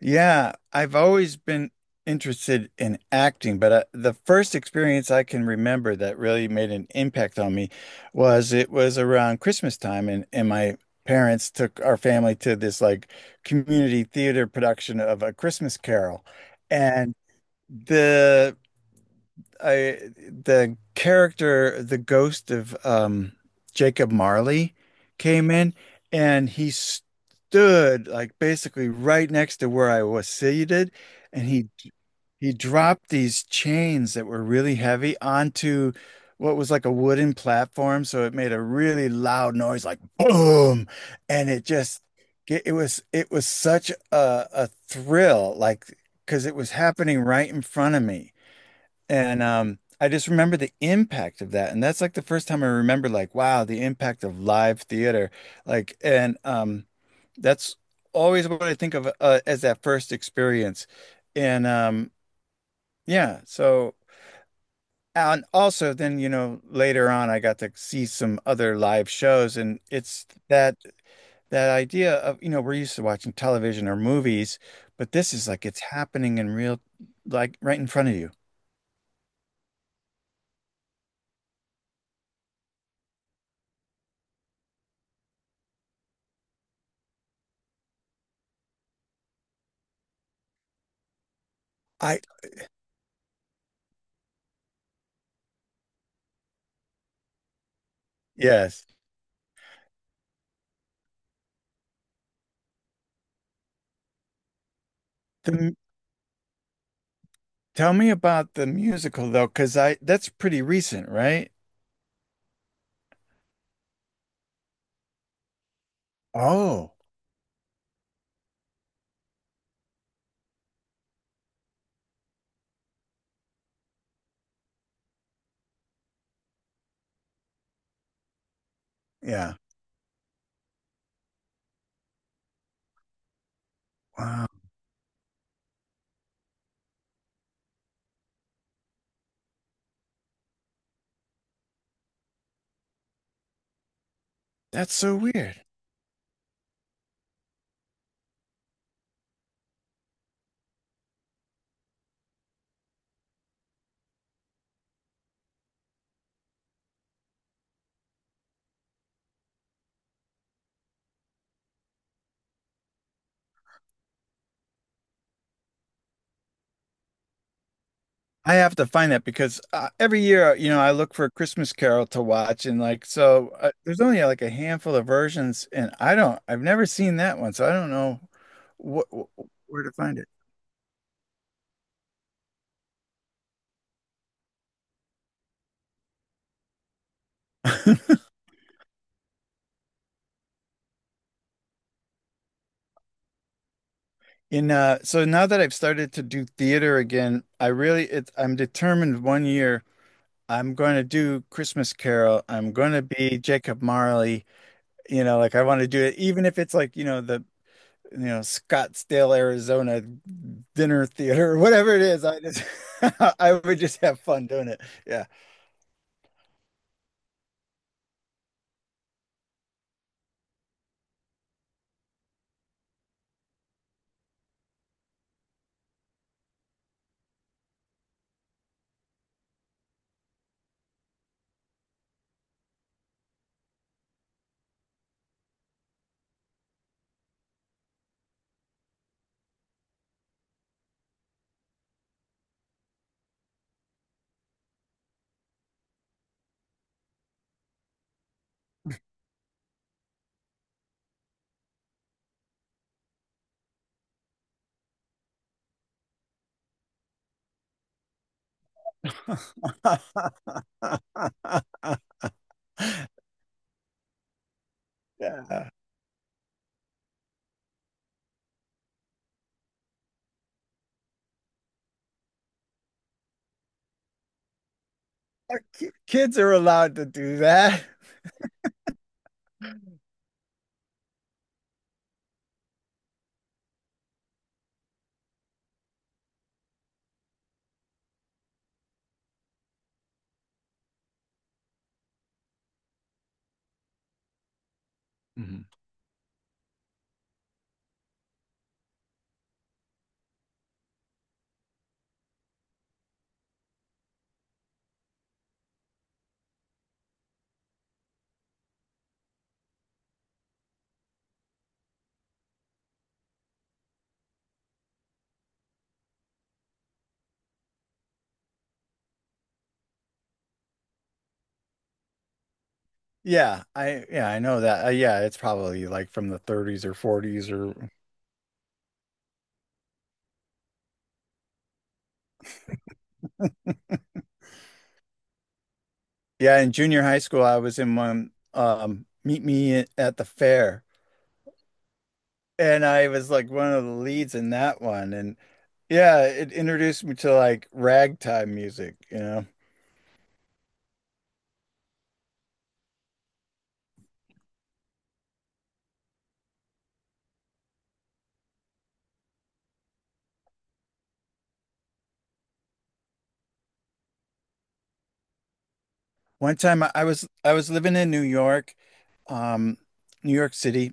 Yeah, I've always been interested in acting, but the first experience I can remember that really made an impact on me was it was around Christmas time, and my parents took our family to this like community theater production of A Christmas Carol. And the I the character, the ghost of Jacob Marley came in and he stood like basically right next to where I was seated and he dropped these chains that were really heavy onto what was like a wooden platform, so it made a really loud noise like boom. And it just it was such a thrill, like because it was happening right in front of me. And I just remember the impact of that. And that's like the first time I remember, like, wow, the impact of live theater. Like, and that's always what I think of as that first experience. And yeah, so and also then, you know, later on I got to see some other live shows, and it's that idea of, you know, we're used to watching television or movies, but this is like it's happening in real, like right in front of you. I, yes. The Tell me about the musical though, because I that's pretty recent, right? Oh, yeah. Wow. That's so weird. I have to find that because every year, you know, I look for a Christmas Carol to watch, and like so there's only like a handful of versions, and I've never seen that one, so I don't know what, where to find it. And so now that I've started to do theater again, I really it's I'm determined one year I'm going to do Christmas Carol. I'm going to be Jacob Marley. You know, like I want to do it, even if it's like, you know, you know, Scottsdale, Arizona dinner theater or whatever it is. I just, I would just have fun doing it. Yeah. Yeah. Kids are allowed to do that. Yeah, I know that. Yeah, it's probably like from the 30s or 40s or yeah, in junior high school I was in one Meet Me at the Fair, and I was like one of the leads in that one. And yeah, it introduced me to like ragtime music, you know. One time I was living in New York, um New York City,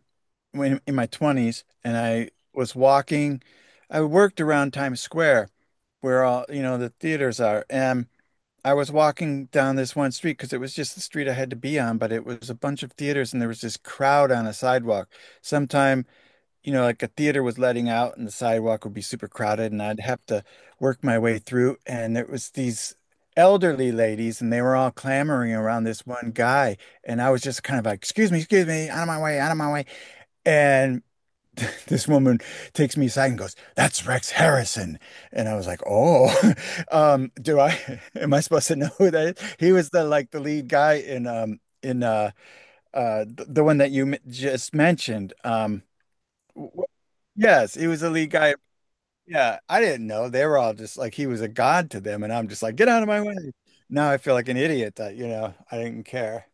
when in my 20s. And I was walking, I worked around Times Square where all, you know, the theaters are. And I was walking down this one street because it was just the street I had to be on, but it was a bunch of theaters, and there was this crowd on a sidewalk. Sometime, you know, like a theater was letting out and the sidewalk would be super crowded and I'd have to work my way through. And it was these elderly ladies, and they were all clamoring around this one guy. And I was just kind of like, excuse me, out of my way, out of my way. And this woman takes me aside and goes, "That's Rex Harrison," and I was like, "Oh, do I? Am I supposed to know who that is?" He was the like the lead guy in the one that you m just mentioned. W- yes, he was the lead guy. Yeah, I didn't know they were all just like he was a god to them, and I'm just like, "Get out of my way!" Now I feel like an idiot that you know I didn't care.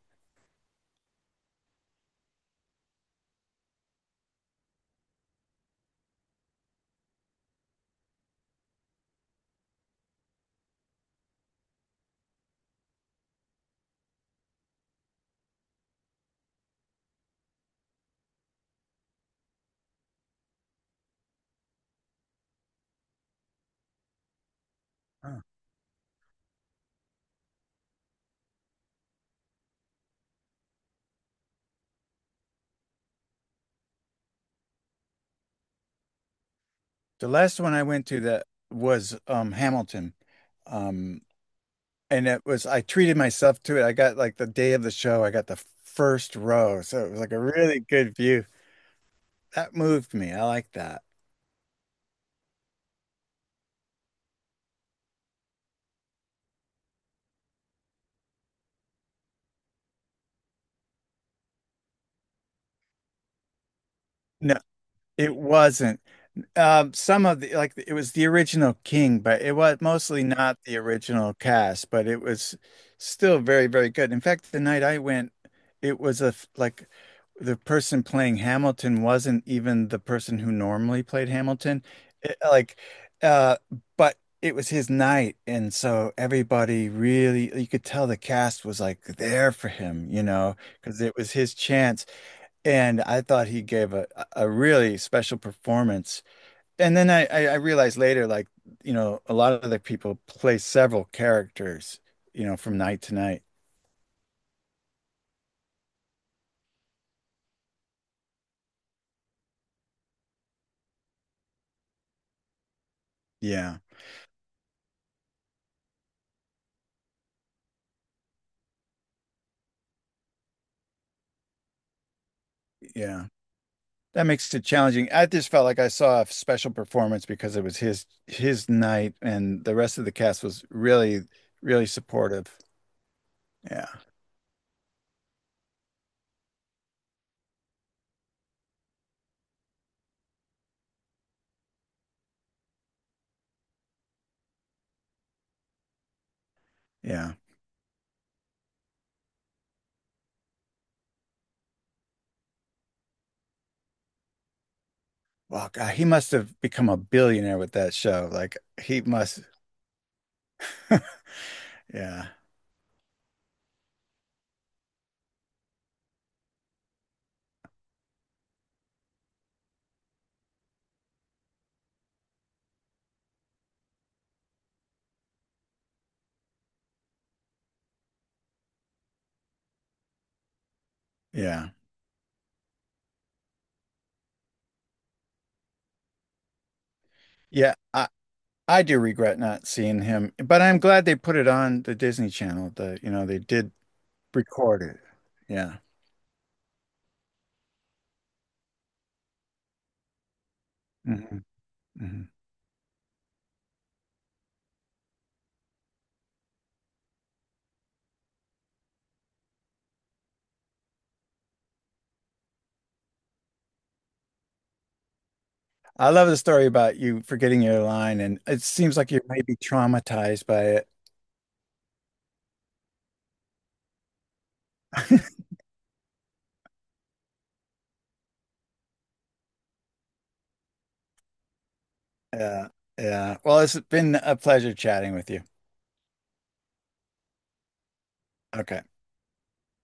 Huh. The last one I went to that was Hamilton. Um and it was I treated myself to it. I got like the day of the show, I got the first row. So it was like a really good view. That moved me. I like that. No, it wasn't. Some of the like it was the original King, but it was mostly not the original cast, but it was still very, very good. In fact, the night I went, it was like the person playing Hamilton wasn't even the person who normally played Hamilton. It- like, uh, but it was his night, and so everybody really you could tell the cast was like there for him, you know, because it was his chance. And I thought he gave a really special performance. And then I realized later, like, you know, a lot of the people play several characters, you know, from night to night. Yeah. Yeah. That makes it challenging. I just felt like I saw a special performance because it was his night, and the rest of the cast was really, really supportive. Yeah. Yeah. Well, God, he must have become a billionaire with that show. Like he must, yeah. Yeah. Yeah. I do regret not seeing him, but I'm glad they put it on the Disney Channel. You know, they did recorded. Yeah. hmm hmm I love the story about you forgetting your line, and it seems like you may be traumatized by it. Yeah. Yeah. Well, it's been a pleasure chatting with you. Okay.